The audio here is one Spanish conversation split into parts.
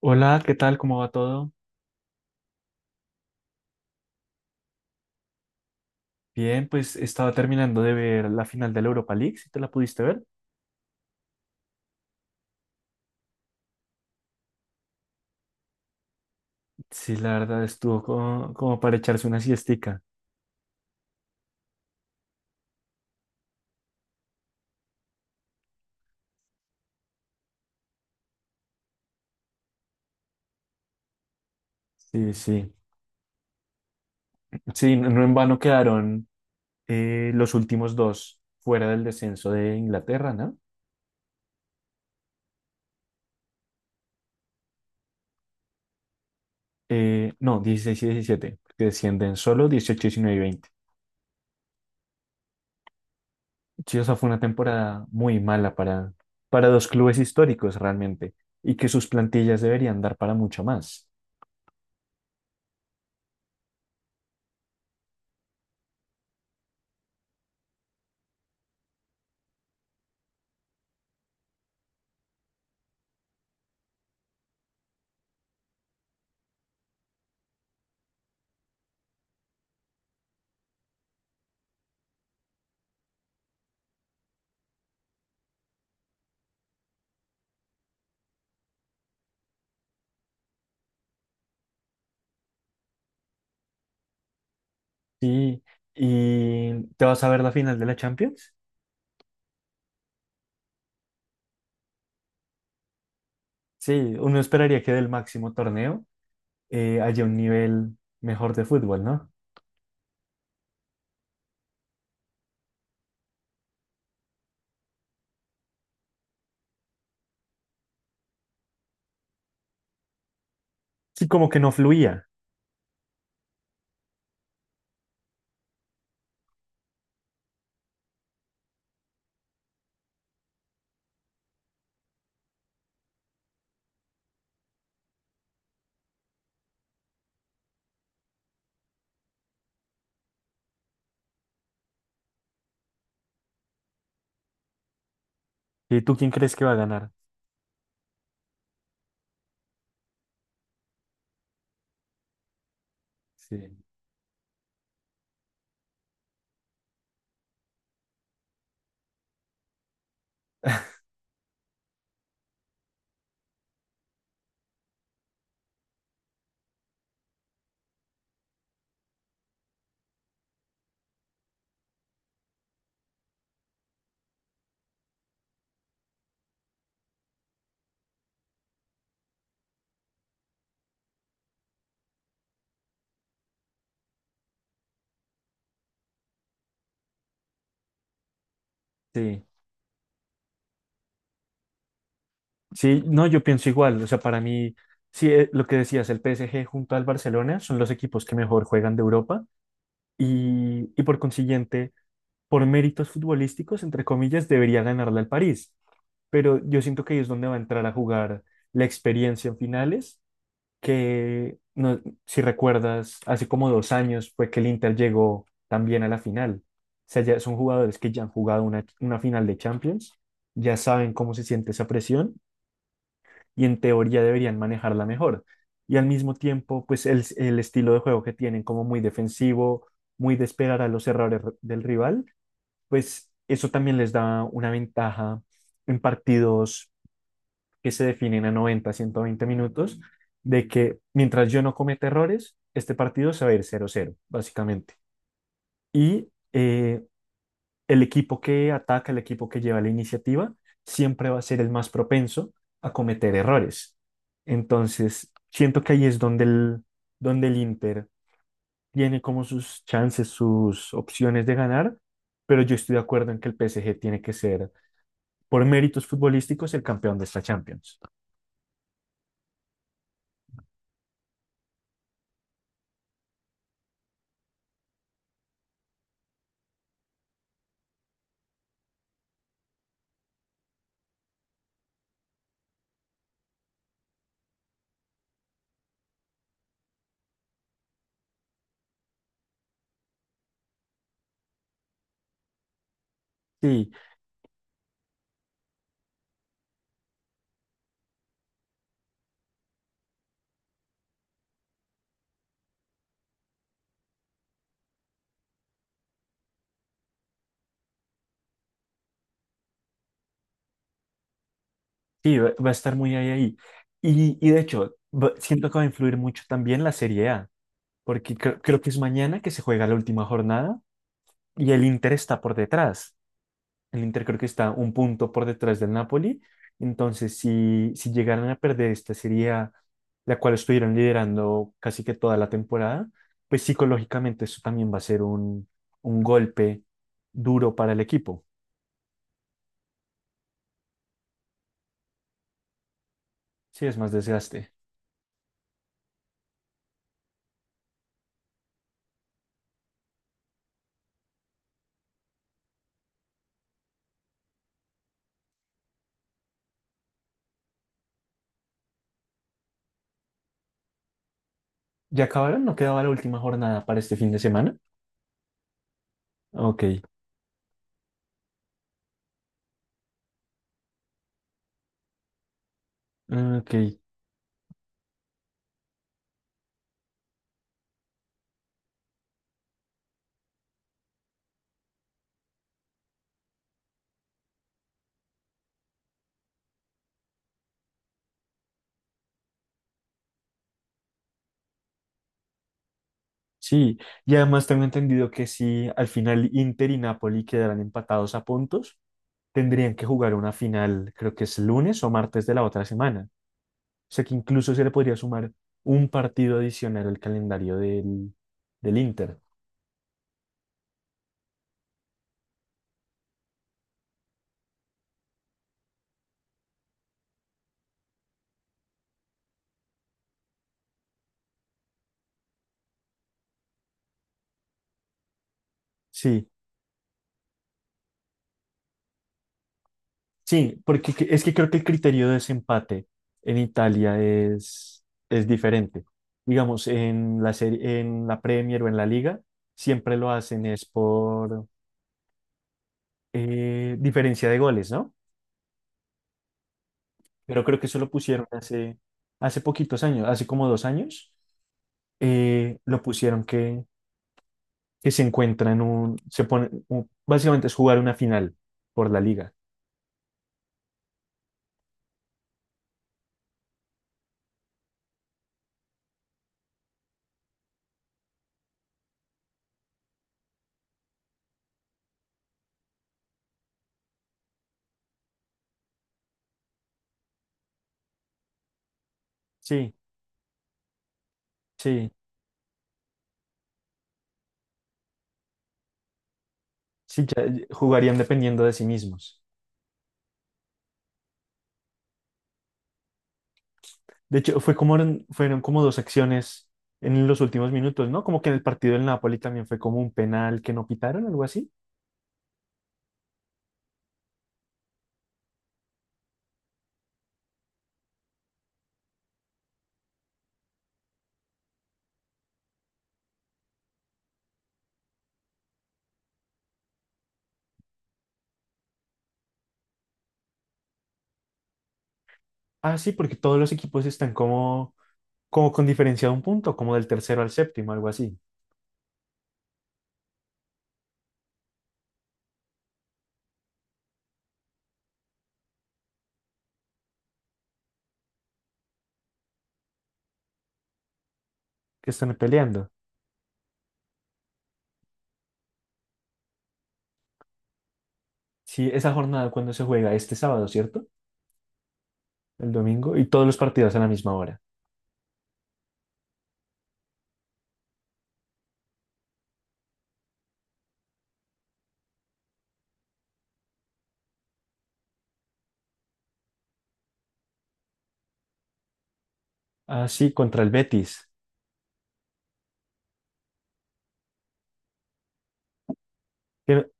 Hola, ¿qué tal? ¿Cómo va todo? Bien, pues estaba terminando de ver la final de la Europa League, si te la pudiste ver. Sí, la verdad estuvo como, como para echarse una siestica. Sí, sí. Sí, no en vano quedaron los últimos dos fuera del descenso de Inglaterra, ¿no? No, 16 y 17 porque descienden solo dieciocho, 19 y 20. Sí, o sea, fue una temporada muy mala para dos clubes históricos realmente, y que sus plantillas deberían dar para mucho más. Sí, ¿y te vas a ver la final de la Champions? Sí, uno esperaría que del máximo torneo haya un nivel mejor de fútbol, ¿no? Sí, como que no fluía. ¿Y tú quién crees que va a ganar? Sí, sí, sí, no, yo pienso igual. O sea, para mí, sí, lo que decías, el PSG junto al Barcelona son los equipos que mejor juegan de Europa y por consiguiente, por méritos futbolísticos, entre comillas, debería ganarle al París. Pero yo siento que ahí es donde va a entrar a jugar la experiencia en finales que, no, si recuerdas, hace como dos años fue que el Inter llegó también a la final. O sea, ya son jugadores que ya han jugado una final de Champions, ya saben cómo se siente esa presión y en teoría deberían manejarla mejor. Y al mismo tiempo, pues el estilo de juego que tienen, como muy defensivo, muy de esperar a los errores del rival, pues eso también les da una ventaja en partidos que se definen a 90, 120 minutos, de que mientras yo no cometa errores, este partido se va a ir cero cero básicamente. Y eh, el equipo que ataca, el equipo que lleva la iniciativa, siempre va a ser el más propenso a cometer errores. Entonces, siento que ahí es donde donde el Inter tiene como sus chances, sus opciones de ganar, pero yo estoy de acuerdo en que el PSG tiene que ser, por méritos futbolísticos, el campeón de esta Champions. Sí. Sí, va, va a estar muy ahí, ahí. Y de hecho, siento que va a influir mucho también la Serie A, porque creo que es mañana que se juega la última jornada y el Inter está por detrás. El Inter creo que está un punto por detrás del Napoli. Entonces, si, si llegaran a perder esta Serie A, la cual estuvieron liderando casi que toda la temporada, pues psicológicamente eso también va a ser un golpe duro para el equipo. Sí, es más desgaste. ¿Ya acabaron? ¿No quedaba la última jornada para este fin de semana? Ok. Ah, ok, sí. Y además tengo entendido que si al final Inter y Napoli quedarán empatados a puntos, tendrían que jugar una final, creo que es lunes o martes de la otra semana. O sea que incluso se le podría sumar un partido adicional al calendario del, del Inter. Sí, sí, porque es que creo que el criterio de desempate en Italia es diferente. Digamos, en la serie, en la Premier o en la Liga, siempre lo hacen es por diferencia de goles, ¿no? Pero creo que eso lo pusieron hace, hace poquitos años, hace como dos años, lo pusieron que se encuentran un, se pone, básicamente es jugar una final por la liga. Sí, sí, sí, ya jugarían dependiendo de sí mismos. De hecho, fue como, fueron como dos acciones en los últimos minutos, ¿no? Como que en el partido del Napoli también fue como un penal que no pitaron, algo así. Ah, sí, porque todos los equipos están como, como con diferencia de un punto, como del tercero al séptimo, algo así. Que están peleando. Sí, esa jornada cuando se juega este sábado, ¿cierto? El domingo y todos los partidos a la misma hora. Ah, sí, contra el Betis. Que-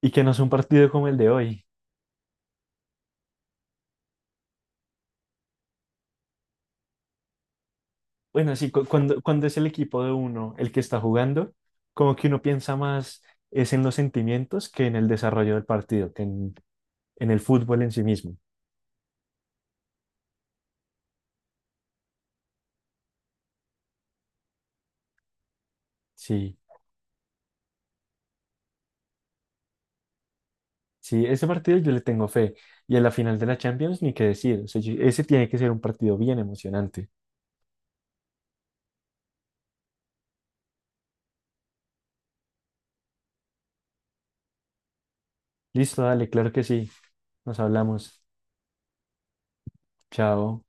y que no es un partido como el de hoy. Bueno, sí, cuando, cuando es el equipo de uno el que está jugando, como que uno piensa más es en los sentimientos que en el desarrollo del partido, que en el fútbol en sí mismo. Sí, sí, ese partido yo le tengo fe. Y a la final de la Champions, ni qué decir. O sea, ese tiene que ser un partido bien emocionante. Listo, dale, claro que sí. Nos hablamos. Chao.